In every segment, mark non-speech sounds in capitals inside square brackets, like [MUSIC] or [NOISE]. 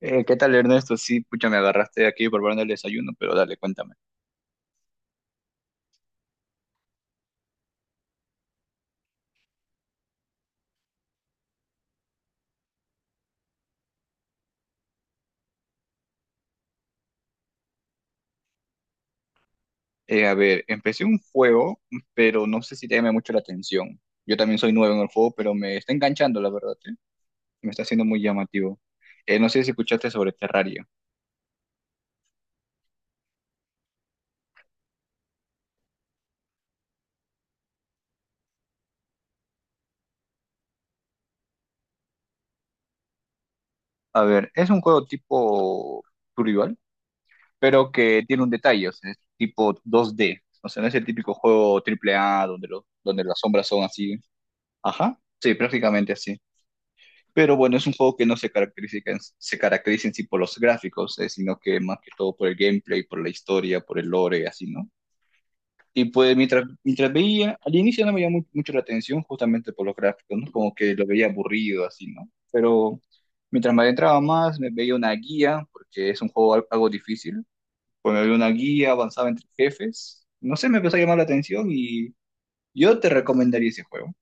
¿Qué tal, Ernesto? Sí, pucha, me agarraste aquí por preparando el desayuno, pero dale, cuéntame. A ver, empecé un juego, pero no sé si te llama mucho la atención. Yo también soy nuevo en el juego, pero me está enganchando, la verdad, ¿eh? Me está haciendo muy llamativo. No sé si escuchaste sobre Terraria. A ver, es un juego tipo survival, pero que tiene un detalle, o sea, es tipo 2D. O sea, no es el típico juego AAA donde las sombras son así. Ajá, sí, prácticamente así. Pero bueno, es un juego que no se caracteriza, se caracteriza en sí por los gráficos, sino que más que todo por el gameplay, por la historia, por el lore, así, ¿no? Y pues mientras veía, al inicio no me llamó mucho la atención justamente por los gráficos, ¿no? Como que lo veía aburrido, así, ¿no? Pero mientras me adentraba más, me veía una guía, porque es un juego algo difícil. Pues me veía una guía, avanzaba entre jefes. No sé, me empezó a llamar la atención y yo te recomendaría ese juego.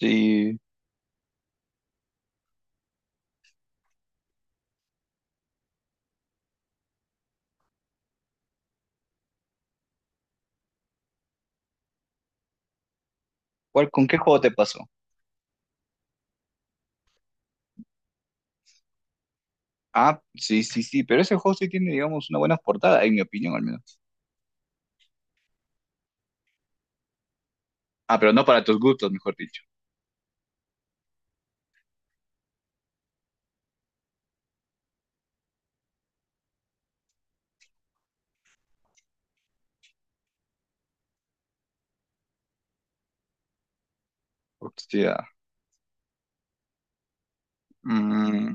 Sí. ¿Cuál, con qué juego te pasó? Ah, sí, sí, sí, pero ese juego sí tiene, digamos, una buena portada, en mi opinión al menos. Ah, pero no para tus gustos, mejor dicho. Hostia. Mm,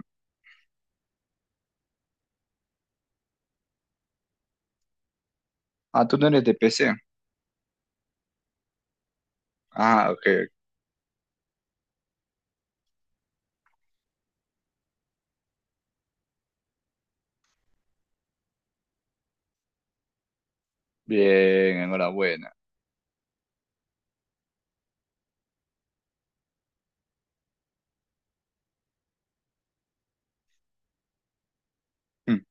ah, tú no eres de PC. Ah, ok. Bien, enhorabuena. Mm.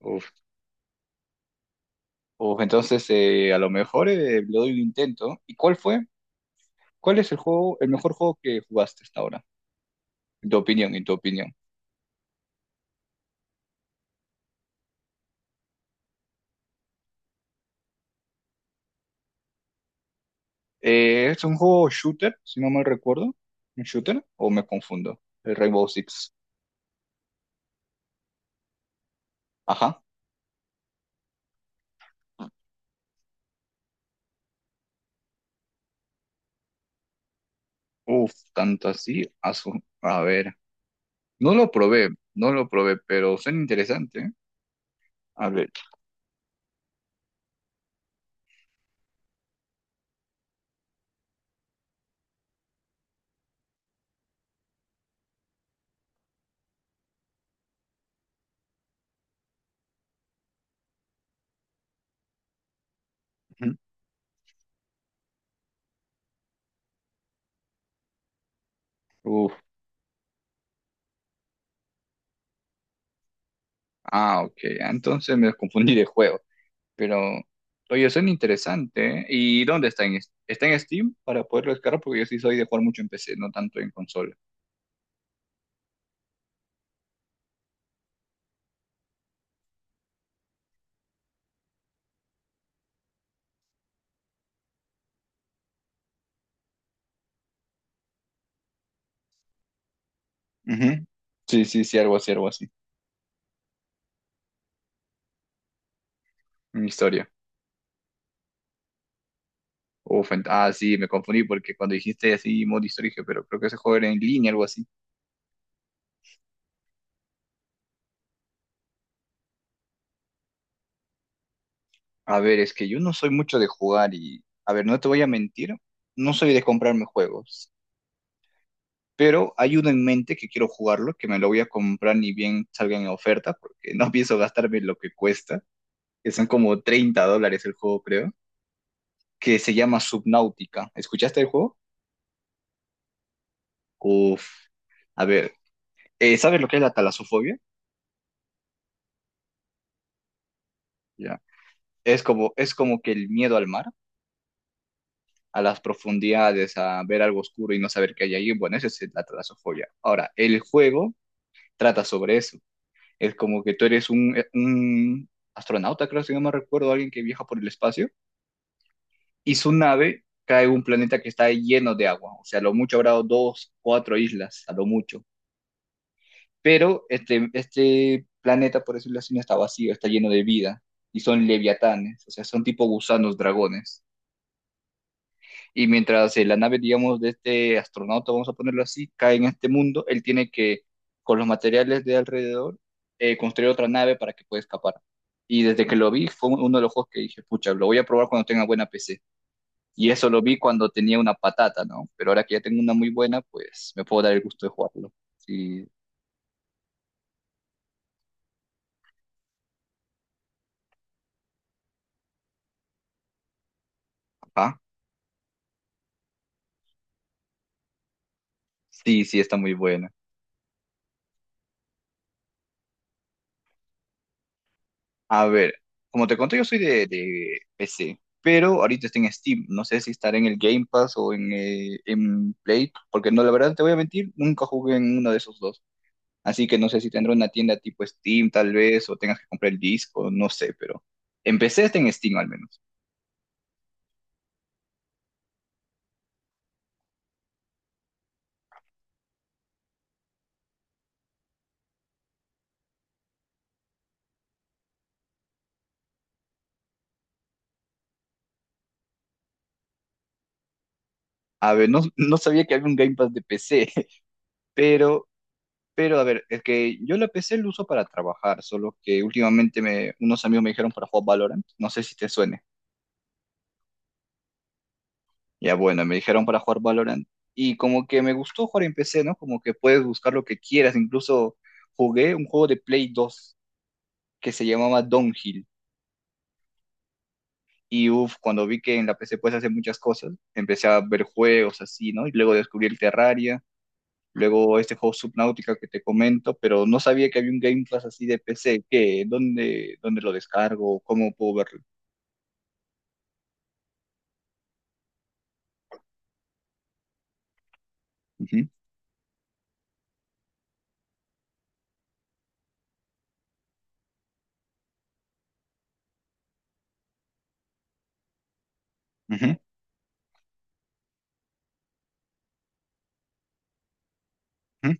Uf. Uf, entonces a lo mejor le doy un intento. ¿Y cuál fue? ¿Cuál es el juego, el mejor juego que jugaste hasta ahora? En tu opinión, en tu opinión. ¿Es un juego shooter, si no mal recuerdo? ¿Un shooter? ¿O me confundo? El Rainbow Six. Ajá. Uf, tanto así. A ver. No lo probé, no lo probé, pero suena interesante. ¿Eh? A ver. Ujú. Uf, ah, ok. Entonces me confundí de juego. Pero, oye, suena interesante. ¿Eh? ¿Y dónde está está en Steam para poderlo descargar? Porque yo sí soy de jugar mucho en PC, no tanto en consola. Ujú. Sí, sí, sí, algo así, algo así. En historia. Uf, ah, sí, me confundí porque cuando dijiste así modo historia, dije, pero creo que ese juego era en línea, algo así. A ver, es que yo no soy mucho de jugar y, a ver, no te voy a mentir, no soy de comprarme juegos. Pero hay uno en mente que quiero jugarlo, que me lo voy a comprar ni bien salga en oferta, porque [LAUGHS] no pienso gastarme lo que cuesta, que son como $30 el juego, creo, que se llama Subnautica. ¿Escuchaste el juego? Uf, a ver, ¿sabes lo que es la talasofobia? Ya. Es como que el miedo al mar, a las profundidades, a ver algo oscuro y no saber qué hay ahí. Bueno, esa es la talasofobia. Ahora, el juego trata sobre eso. Es como que tú eres un astronauta, creo, si no me recuerdo, alguien que viaja por el espacio y su nave cae en un planeta que está lleno de agua, o sea, a lo mucho habrá dos, cuatro islas, a lo mucho. Pero este planeta, por decirlo así, no está vacío, está lleno de vida y son leviatanes, o sea, son tipo gusanos, dragones. Y mientras la nave, digamos, de este astronauta, vamos a ponerlo así, cae en este mundo, él tiene que, con los materiales de alrededor, construir otra nave para que pueda escapar. Y desde que lo vi, fue uno de los juegos que dije, pucha, lo voy a probar cuando tenga buena PC. Y eso lo vi cuando tenía una patata, ¿no? Pero ahora que ya tengo una muy buena, pues me puedo dar el gusto de jugarlo. Sí, ajá. Sí, sí, está muy buena. A ver, como te conté, yo soy de, PC, pero ahorita está en Steam. No sé si estará en el Game Pass o en Play, porque no, la verdad te voy a mentir, nunca jugué en uno de esos dos. Así que no sé si tendrá una tienda tipo Steam, tal vez, o tengas que comprar el disco, no sé, pero en PC está en Steam al menos. A ver, no, no sabía que había un Game Pass de PC, [LAUGHS] pero Pero a ver, es que yo la PC la uso para trabajar, solo que últimamente unos amigos me dijeron para jugar Valorant, no sé si te suene. Ya bueno, me dijeron para jugar Valorant y como que me gustó jugar en PC, ¿no? Como que puedes buscar lo que quieras, incluso jugué un juego de Play 2 que se llamaba Downhill y uff, cuando vi que en la PC puedes hacer muchas cosas, empecé a ver juegos así, ¿no? Y luego descubrí el Terraria. Luego este juego Subnautica que te comento, pero no sabía que había un Game Pass así de PC. ¿Qué? ¿Dónde lo descargo? ¿Cómo puedo verlo? Ujú, ujú, ujú.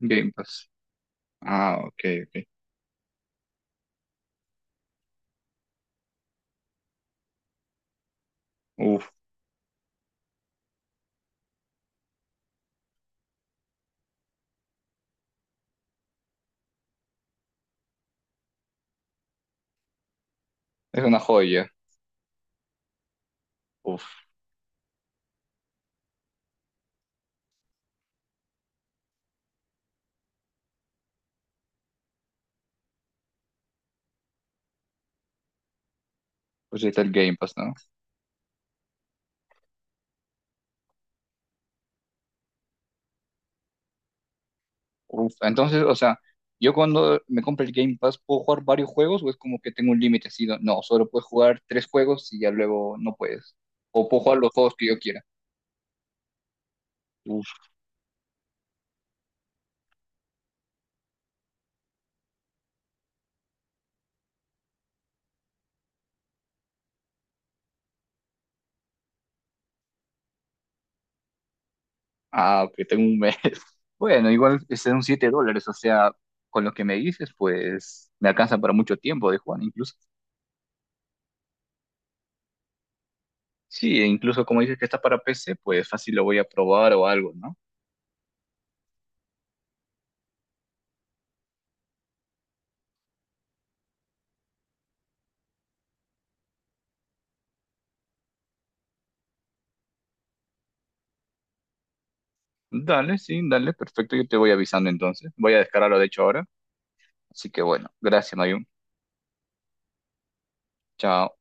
Game Pass. Ah, ok, ok. Uf, es una joya. Uf, pues ahí está el Game Pass, ¿no? Uf, entonces, o sea, yo cuando me compro el Game Pass, ¿puedo jugar varios juegos o es como que tengo un límite así? No, no, solo puedes jugar tres juegos y ya luego no puedes. O puedo jugar los juegos que yo quiera. Ah, ok, tengo un mes. [LAUGHS] Bueno, igual son $7, o sea, con lo que me dices, pues me alcanza para mucho tiempo de Juan, incluso. Sí, e incluso como dices que está para PC, pues fácil lo voy a probar o algo, ¿no? Dale, sí, dale, perfecto, yo te voy avisando entonces. Voy a descargarlo, de hecho, ahora. Así que bueno, gracias, Mayun. Chao.